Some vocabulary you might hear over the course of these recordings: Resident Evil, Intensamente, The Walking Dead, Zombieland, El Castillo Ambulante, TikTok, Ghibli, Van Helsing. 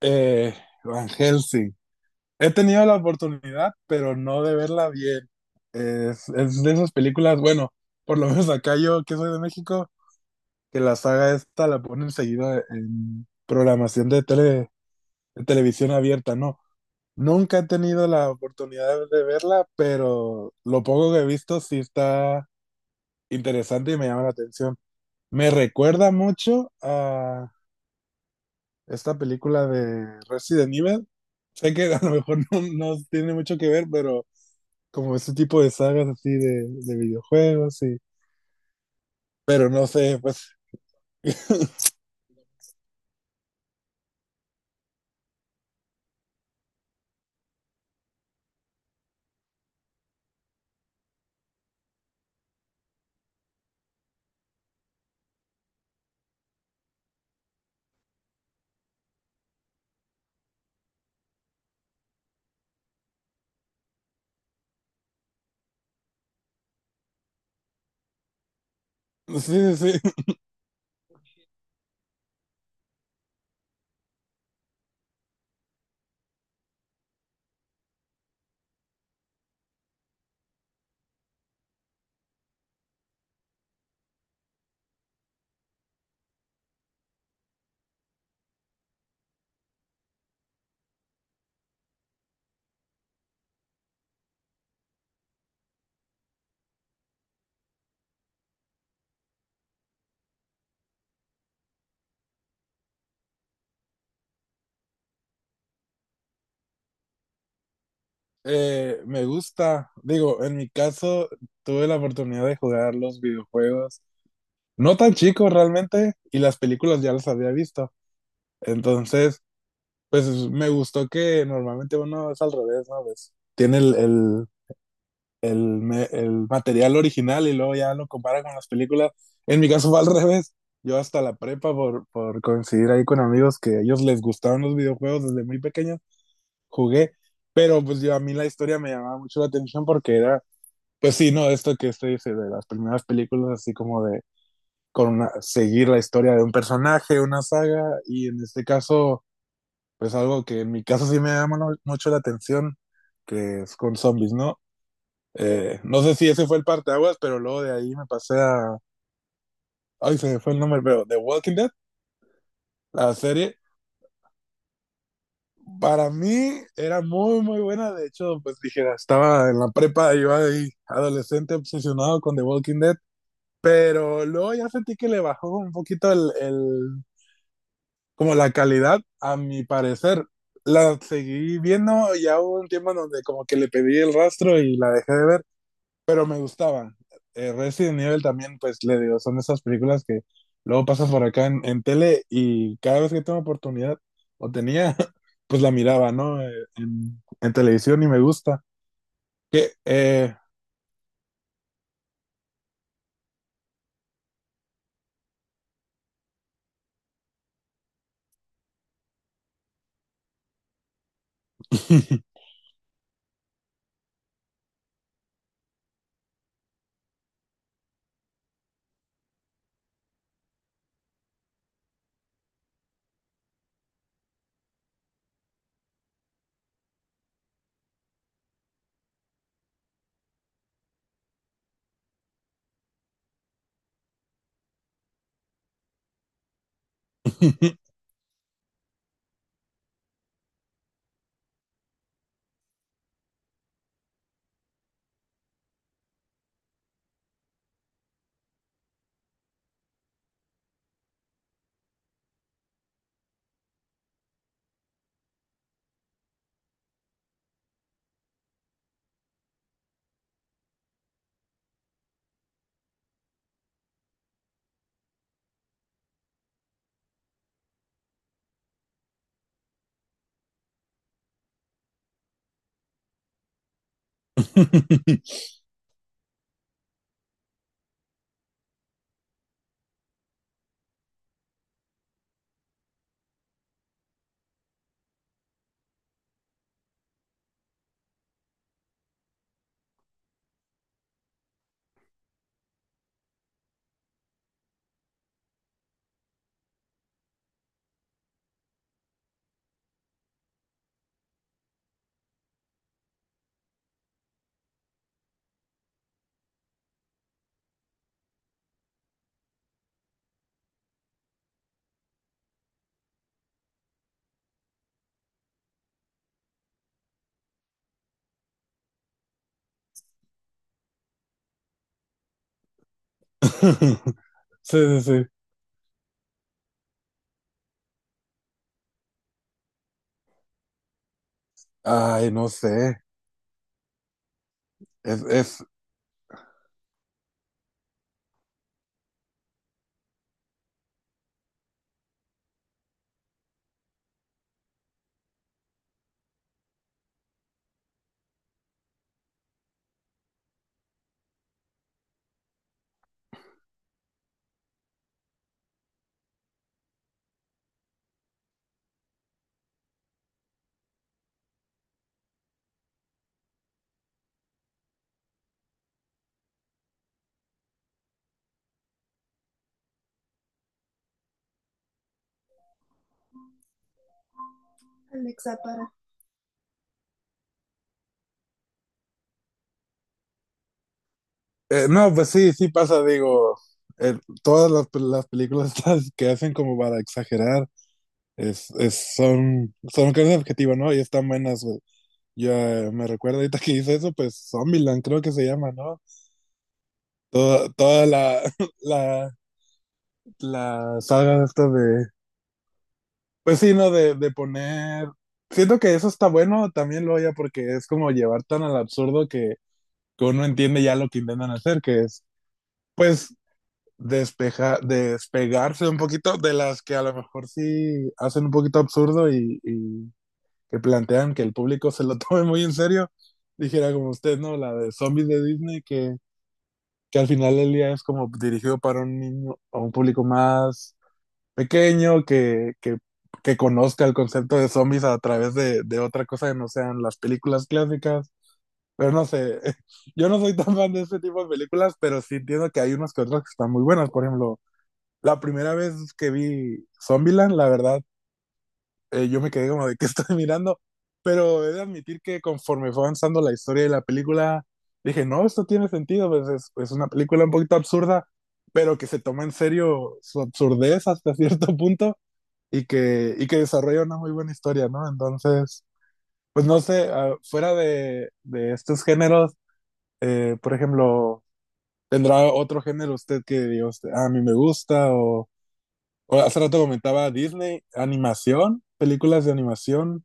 Eh, Van Helsing. He tenido la oportunidad, pero no de verla bien. Es de esas películas, bueno, por lo menos acá yo, que soy de México, que la saga esta la ponen seguida en programación de tele, de televisión abierta, ¿no? Nunca he tenido la oportunidad de verla, pero lo poco que he visto sí está interesante y me llama la atención. Me recuerda mucho a esta película de Resident Evil. Sé que a lo mejor no tiene mucho que ver, pero como ese tipo de sagas así de videojuegos y... Pero no sé, pues sí, sí, sí. Me gusta. Digo, en mi caso tuve la oportunidad de jugar los videojuegos, no tan chicos realmente, y las películas ya las había visto. Entonces, pues me gustó que normalmente uno es al revés, ¿no? Pues tiene el material original y luego ya lo compara con las películas. En mi caso fue al revés. Yo hasta la prepa, por coincidir ahí con amigos que a ellos les gustaban los videojuegos desde muy pequeños, jugué. Pero pues yo a mí la historia me llamaba mucho la atención porque era, pues sí, no, esto que usted dice de las primeras películas, así como de seguir la historia de un personaje, una saga, y en este caso, pues algo que en mi caso sí me llama mucho la atención, que es con zombies, ¿no? No sé si ese fue el parteaguas, pero luego de ahí me pasé a. Ay, se me fue el nombre, pero The Walking Dead, la serie, para mí era muy, muy buena. De hecho, pues dijera, estaba en la prepa, iba ahí, adolescente obsesionado con The Walking Dead, pero luego ya sentí que le bajó un poquito el como la calidad, a mi parecer. La seguí viendo ya hubo un tiempo en donde como que le pedí el rastro y la dejé de ver, pero me gustaban. Resident Evil también, pues le digo, son esas películas que luego pasas por acá en tele y cada vez que tengo oportunidad o tenía, pues la miraba, ¿no? En televisión y me gusta. Que, Sí, sí, sí. Ay, no sé. Es, es... Alexa, para. No, pues sí, sí pasa, digo, todas las películas estas que hacen como para exagerar. Son carnes objetivas, ¿no? Y están buenas, güey. Yo me recuerdo ahorita que hice eso, pues Zombieland creo que se llama, ¿no? Toda la, la saga esta de... Pues sí, ¿no? De poner... Siento que eso está bueno también, lo ya, porque es como llevar tan al absurdo que uno entiende ya lo que intentan hacer, que es, pues, despegarse un poquito de las que a lo mejor sí hacen un poquito absurdo y que plantean que el público se lo tome muy en serio, dijera como usted, ¿no? La de zombies de Disney, que al final del día es como dirigido para un niño, a un público más pequeño, que conozca el concepto de zombies a través de otra cosa que no sean las películas clásicas. Pero no sé, yo no soy tan fan de este tipo de películas, pero sí entiendo que hay unas que otras que están muy buenas. Por ejemplo, la primera vez que vi Zombieland, la verdad yo me quedé como de qué estoy mirando, pero he de admitir que conforme fue avanzando la historia de la película, dije, no, esto tiene sentido, pues es una película un poquito absurda, pero que se toma en serio su absurdez hasta cierto punto y que desarrolla una muy buena historia, ¿no? Entonces, pues no sé, ah, fuera de estos géneros, por ejemplo, ¿tendrá otro género usted que diga usted, "Ah, a mí me gusta"? O hace rato comentaba Disney, animación, películas de animación.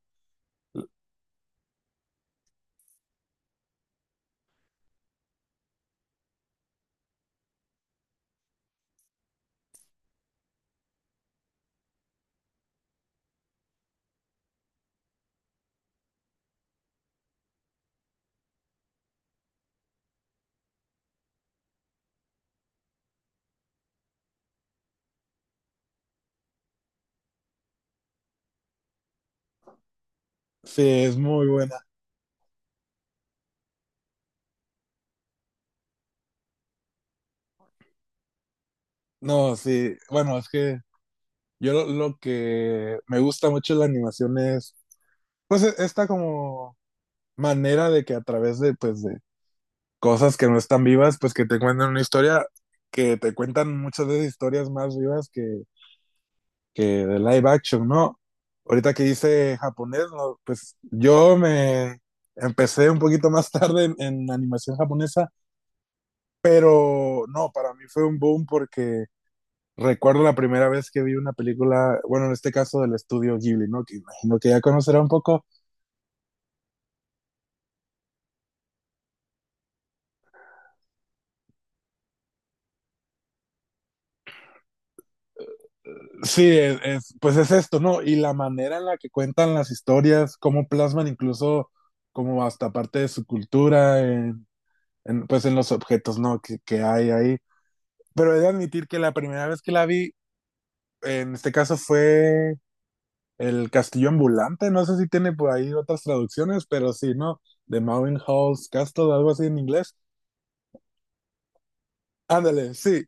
Sí, es muy buena. No, sí, bueno, es que yo lo que me gusta mucho de la animación es, pues, esta como manera de que a través de, pues, de cosas que no están vivas, pues, que te cuentan una historia, que te cuentan muchas veces historias más vivas que de live action, ¿no? Ahorita que hice japonés, no, pues, yo me empecé un poquito más tarde en animación japonesa, pero no, para mí fue un boom porque recuerdo la primera vez que vi una película, bueno, en este caso del estudio Ghibli, ¿no? Que imagino que ya conocerá un poco. Sí, pues es esto, ¿no? Y la manera en la que cuentan las historias, cómo plasman incluso como hasta parte de su cultura, pues en los objetos, ¿no? Que hay ahí. Pero he de admitir que la primera vez que la vi, en este caso fue El Castillo Ambulante, no sé si tiene por ahí otras traducciones, pero sí, ¿no? The Hall's Castle, algo así en inglés. Ándale, sí.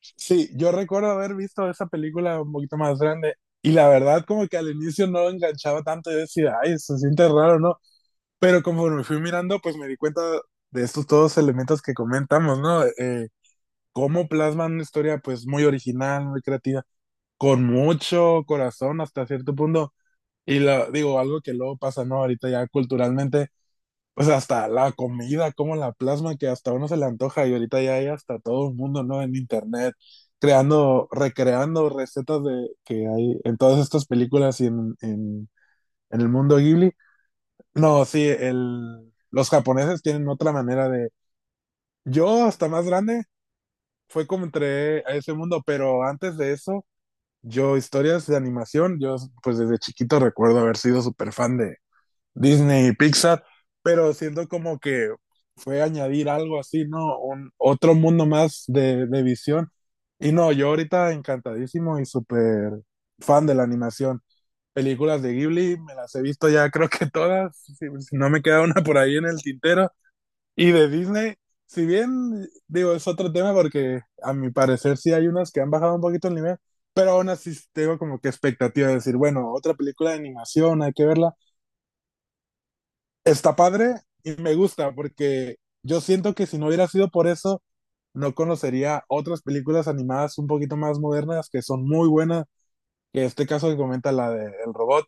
Sí, yo recuerdo haber visto esa película un poquito más grande y la verdad como que al inicio no enganchaba tanto y decía, ay, se siente raro, ¿no? Pero conforme fui mirando, pues me di cuenta de estos todos elementos que comentamos, ¿no? Cómo plasman una historia pues muy original, muy creativa, con mucho corazón hasta cierto punto. Y la, digo, algo que luego pasa, ¿no? Ahorita ya culturalmente pues hasta la comida, como la plasma, que hasta uno se le antoja y ahorita ya hay hasta todo el mundo, ¿no? En internet, creando, recreando recetas de que hay en todas estas películas y en el mundo Ghibli. No, sí, el, los japoneses tienen otra manera de... Yo hasta más grande fue como entré a ese mundo, pero antes de eso, yo historias de animación, yo pues desde chiquito recuerdo haber sido súper fan de, Disney y Pixar, pero siento como que fue añadir algo así, ¿no? Un, otro mundo más de visión. Y no, yo ahorita encantadísimo y súper fan de la animación. Películas de Ghibli, me las he visto ya creo que todas, si, si no me queda una por ahí en el tintero. Y de Disney, si bien digo, es otro tema porque a mi parecer sí hay unas que han bajado un poquito el nivel, pero aún así tengo como que expectativa de decir, bueno, otra película de animación, hay que verla está padre y me gusta porque yo siento que si no hubiera sido por eso, no conocería otras películas animadas un poquito más modernas que son muy buenas, que este caso que comenta la de El Robot.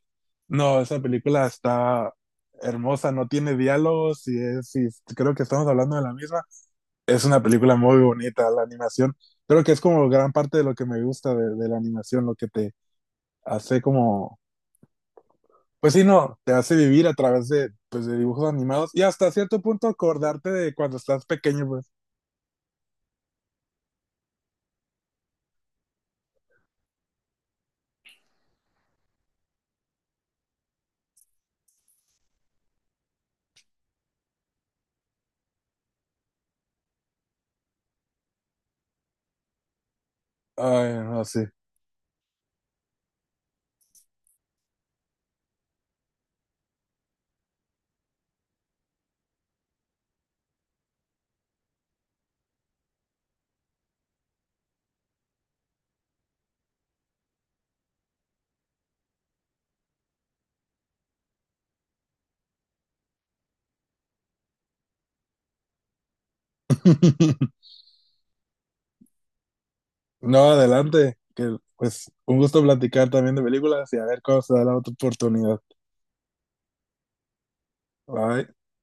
No, esa película está hermosa, no tiene diálogos y, es, y creo que estamos hablando de la misma. Es una película muy bonita, la animación. Creo que es como gran parte de lo que me gusta de la animación, lo que te hace como pues sí, no, te hace vivir a través de, pues, de dibujos animados y hasta cierto punto acordarte de cuando estás pequeño, pues. Ay, no, sí. No, adelante, que pues un gusto platicar también de películas y a ver cómo se da la otra oportunidad. Bye.